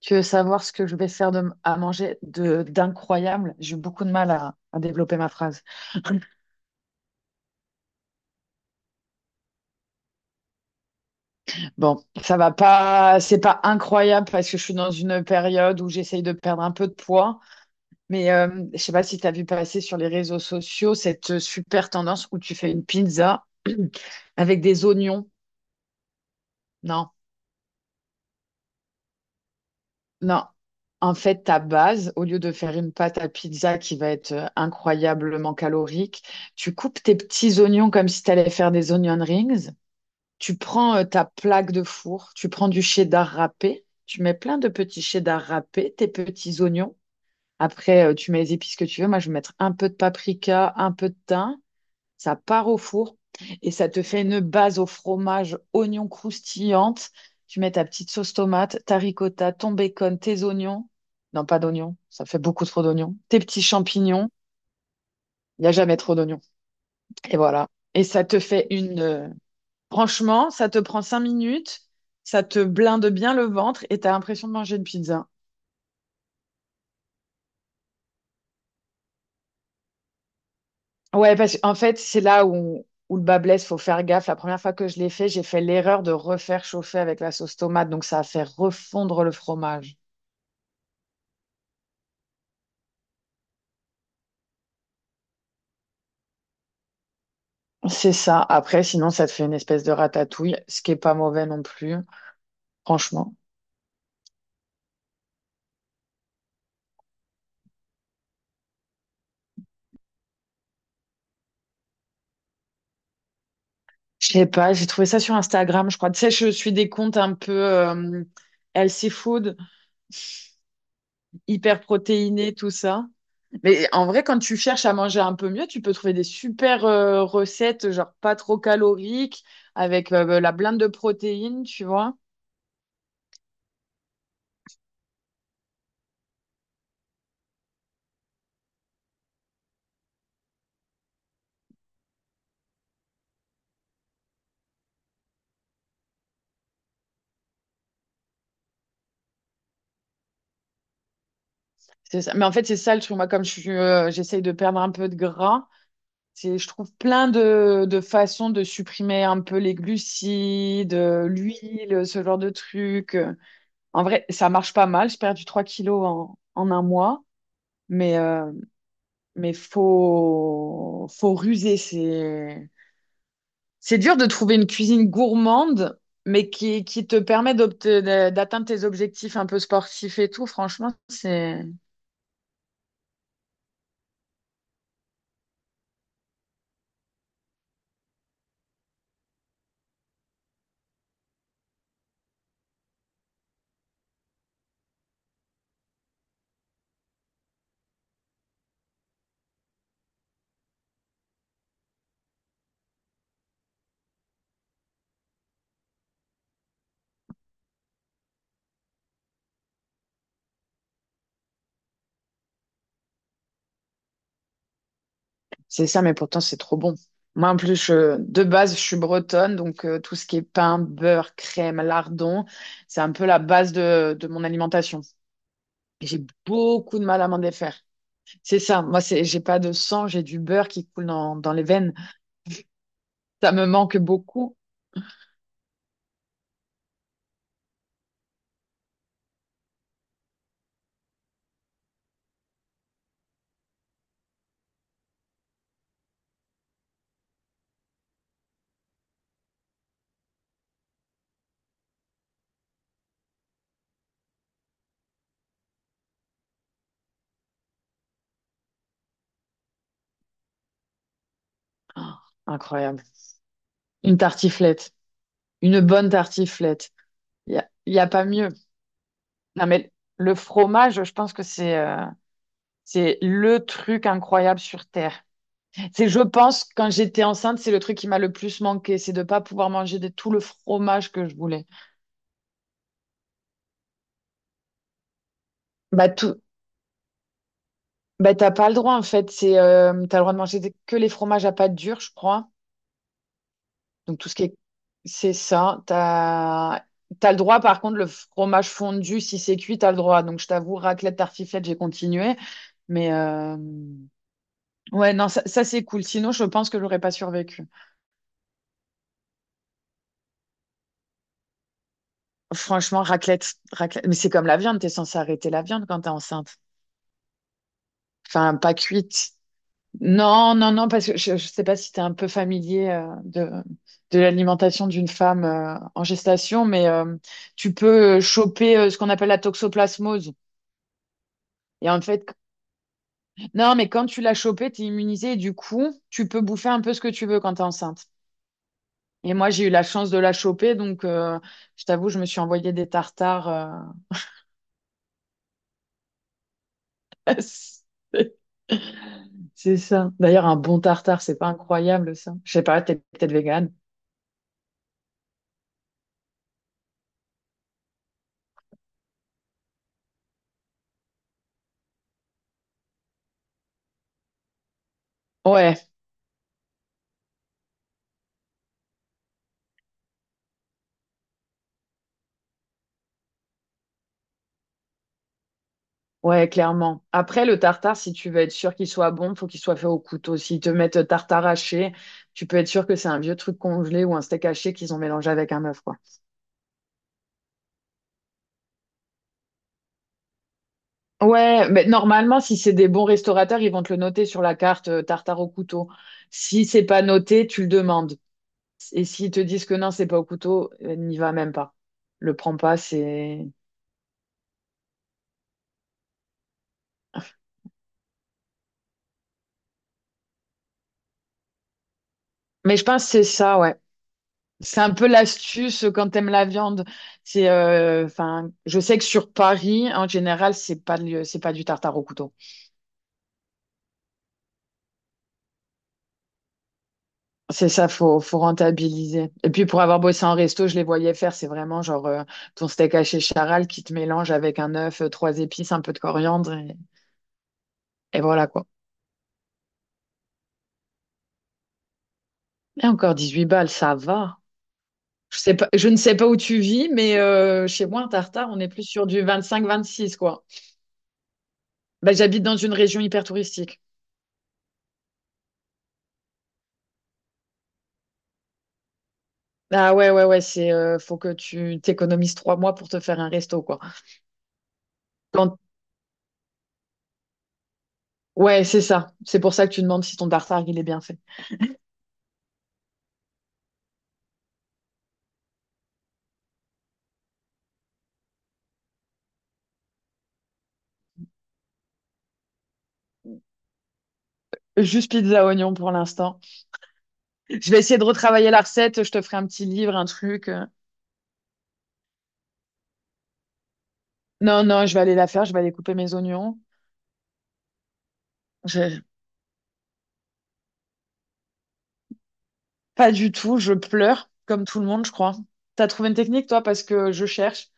Tu veux savoir ce que je vais faire à manger de d'incroyable? J'ai eu beaucoup de mal à développer ma phrase. Bon, ça va pas, c'est pas incroyable parce que je suis dans une période où j'essaye de perdre un peu de poids. Mais je sais pas si tu as vu passer sur les réseaux sociaux cette super tendance où tu fais une pizza avec des oignons. Non, non. En fait, ta base, au lieu de faire une pâte à pizza qui va être incroyablement calorique, tu coupes tes petits oignons comme si tu allais faire des onion rings. Tu prends ta plaque de four, tu prends du cheddar râpé, tu mets plein de petits cheddar râpés, tes petits oignons. Après, tu mets les épices que tu veux. Moi, je vais mettre un peu de paprika, un peu de thym. Ça part au four et ça te fait une base au fromage, oignons croustillante. Tu mets ta petite sauce tomate, ta ricotta, ton bacon, tes oignons. Non, pas d'oignons, ça fait beaucoup trop d'oignons. Tes petits champignons, il n'y a jamais trop d'oignons. Et voilà. Et ça te fait franchement, ça te prend 5 minutes, ça te blinde bien le ventre et t'as l'impression de manger une pizza. Ouais, parce qu'en fait, c'est là où le bas blesse, faut faire gaffe. La première fois que je l'ai fait, j'ai fait l'erreur de refaire chauffer avec la sauce tomate, donc ça a fait refondre le fromage. C'est ça. Après, sinon, ça te fait une espèce de ratatouille, ce qui est pas mauvais non plus, franchement. Je sais pas, j'ai trouvé ça sur Instagram, je crois. Tu sais, je suis des comptes un peu healthy food, hyper protéinés, tout ça. Mais en vrai, quand tu cherches à manger un peu mieux, tu peux trouver des super recettes, genre pas trop caloriques, avec bah, la blinde de protéines, tu vois. C'est ça. Mais en fait, c'est ça le truc. Moi, comme je suis, j'essaye de perdre un peu de gras, c'est, je trouve plein de façons de supprimer un peu les glucides, l'huile, ce genre de trucs. En vrai, ça marche pas mal. J'ai perdu 3 kilos en un mois. Mais, euh, mais faut ruser. C'est. C'est dur de trouver une cuisine gourmande, mais qui te permet d'atteindre tes objectifs un peu sportifs et tout. Franchement, c'est ça, mais pourtant, c'est trop bon. Moi, en plus, de base, je suis bretonne, donc tout ce qui est pain, beurre, crème, lardon, c'est un peu la base de mon alimentation. Et j'ai beaucoup de mal à m'en défaire. C'est ça, moi, c'est, j'ai pas de sang, j'ai du beurre qui coule dans les veines. Ça me manque beaucoup. Ah, incroyable. Une tartiflette, une bonne tartiflette. Il y a, y a pas mieux. Non, mais le fromage, je pense que c'est le truc incroyable sur Terre. C'est, je pense, quand j'étais enceinte, c'est le truc qui m'a le plus manqué, c'est de pas pouvoir manger de tout le fromage que je voulais. Bah, tout, bah, t'as pas le droit, en fait. C'est, t'as le droit de manger que les fromages à pâte dure, je crois. Donc, tout ce qui est, c'est ça. T'as, t'as le droit, par contre, le fromage fondu, si c'est cuit, t'as le droit. Donc, je t'avoue, raclette, tartiflette, j'ai continué. Mais, ouais, non, ça, c'est cool. Sinon, je pense que j'aurais pas survécu. Franchement, raclette, raclette. Mais c'est comme la viande, t'es censée arrêter la viande quand t'es enceinte. Enfin, pas cuite. Non, non, non, parce que je sais pas si t'es un peu familier de, l'alimentation d'une femme en gestation, mais tu peux choper ce qu'on appelle la toxoplasmose. Et en fait, non, mais quand tu l'as chopée, t'es immunisée et du coup, tu peux bouffer un peu ce que tu veux quand t'es enceinte. Et moi, j'ai eu la chance de la choper, donc je t'avoue, je me suis envoyé des tartares. C'est ça. D'ailleurs, un bon tartare, c'est pas incroyable, ça. Je sais pas, t'es peut-être végane. Ouais, ouais, clairement. Après, le tartare, si tu veux être sûr qu'il soit bon, faut qu'il soit fait au couteau. S'ils te mettent tartare haché, tu peux être sûr que c'est un vieux truc congelé ou un steak haché qu'ils ont mélangé avec un œuf, quoi. Ouais, mais normalement, si c'est des bons restaurateurs, ils vont te le noter sur la carte, tartare au couteau. Si c'est pas noté, tu le demandes. Et s'ils te disent que non, c'est pas au couteau, n'y va même pas. Le prends pas, c'est. Mais je pense que c'est ça, ouais. C'est un peu l'astuce quand t'aimes la viande. C'est, enfin, je sais que sur Paris, en général, c'est pas, c'est pas du tartare au couteau. C'est ça, faut rentabiliser. Et puis pour avoir bossé en resto, je les voyais faire. C'est vraiment genre ton steak haché charal qui te mélange avec un œuf, trois épices, un peu de coriandre et voilà quoi. Et encore 18 balles, ça va. Je sais pas, je ne sais pas où tu vis, mais chez moi, en tartare, on est plus sur du 25-26 quoi. Bah, j'habite dans une région hyper touristique. Ah ouais, ouais, ouais, c'est faut que tu t'économises 3 mois pour te faire un resto, quoi. Quand... Ouais, c'est ça. C'est pour ça que tu demandes si ton tartare, il est bien fait. Juste pizza oignon pour l'instant. Je vais essayer de retravailler la recette. Je te ferai un petit livre, un truc. Non, non, je vais aller la faire. Je vais aller couper mes oignons. Je- Pas du tout. Je pleure, comme tout le monde, je crois. T'as trouvé une technique, toi, parce que je cherche.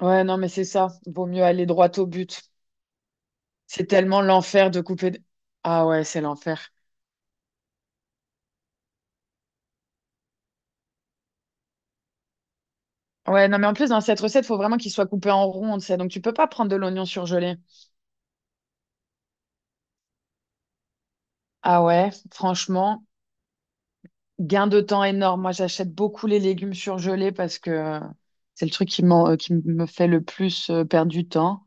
Ouais, non, mais c'est ça. Vaut mieux aller droit au but. C'est tellement l'enfer de couper. Ah ouais, c'est l'enfer. Ouais, non, mais en plus, dans cette recette, il faut vraiment qu'il soit coupé en rond, tu sais. Donc, tu peux pas prendre de l'oignon surgelé. Ah ouais, franchement, gain de temps énorme. Moi, j'achète beaucoup les légumes surgelés parce que c'est le truc qui qui me fait le plus perdre du temps.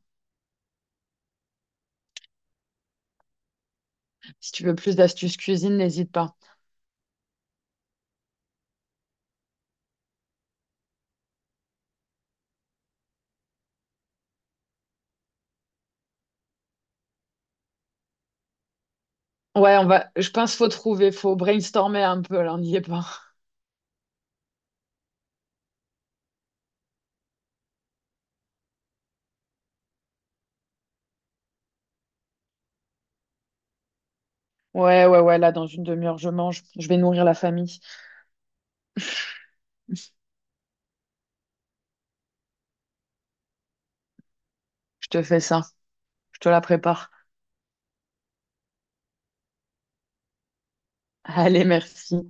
Si tu veux plus d'astuces cuisine, n'hésite pas. Ouais, on va, je pense faut trouver, faut brainstormer un peu, là, on n'y est pas. Ouais, ouais, ouais, là, dans une demi-heure, je mange. Je vais nourrir la famille. Je te fais ça. Je te la prépare. Allez, merci.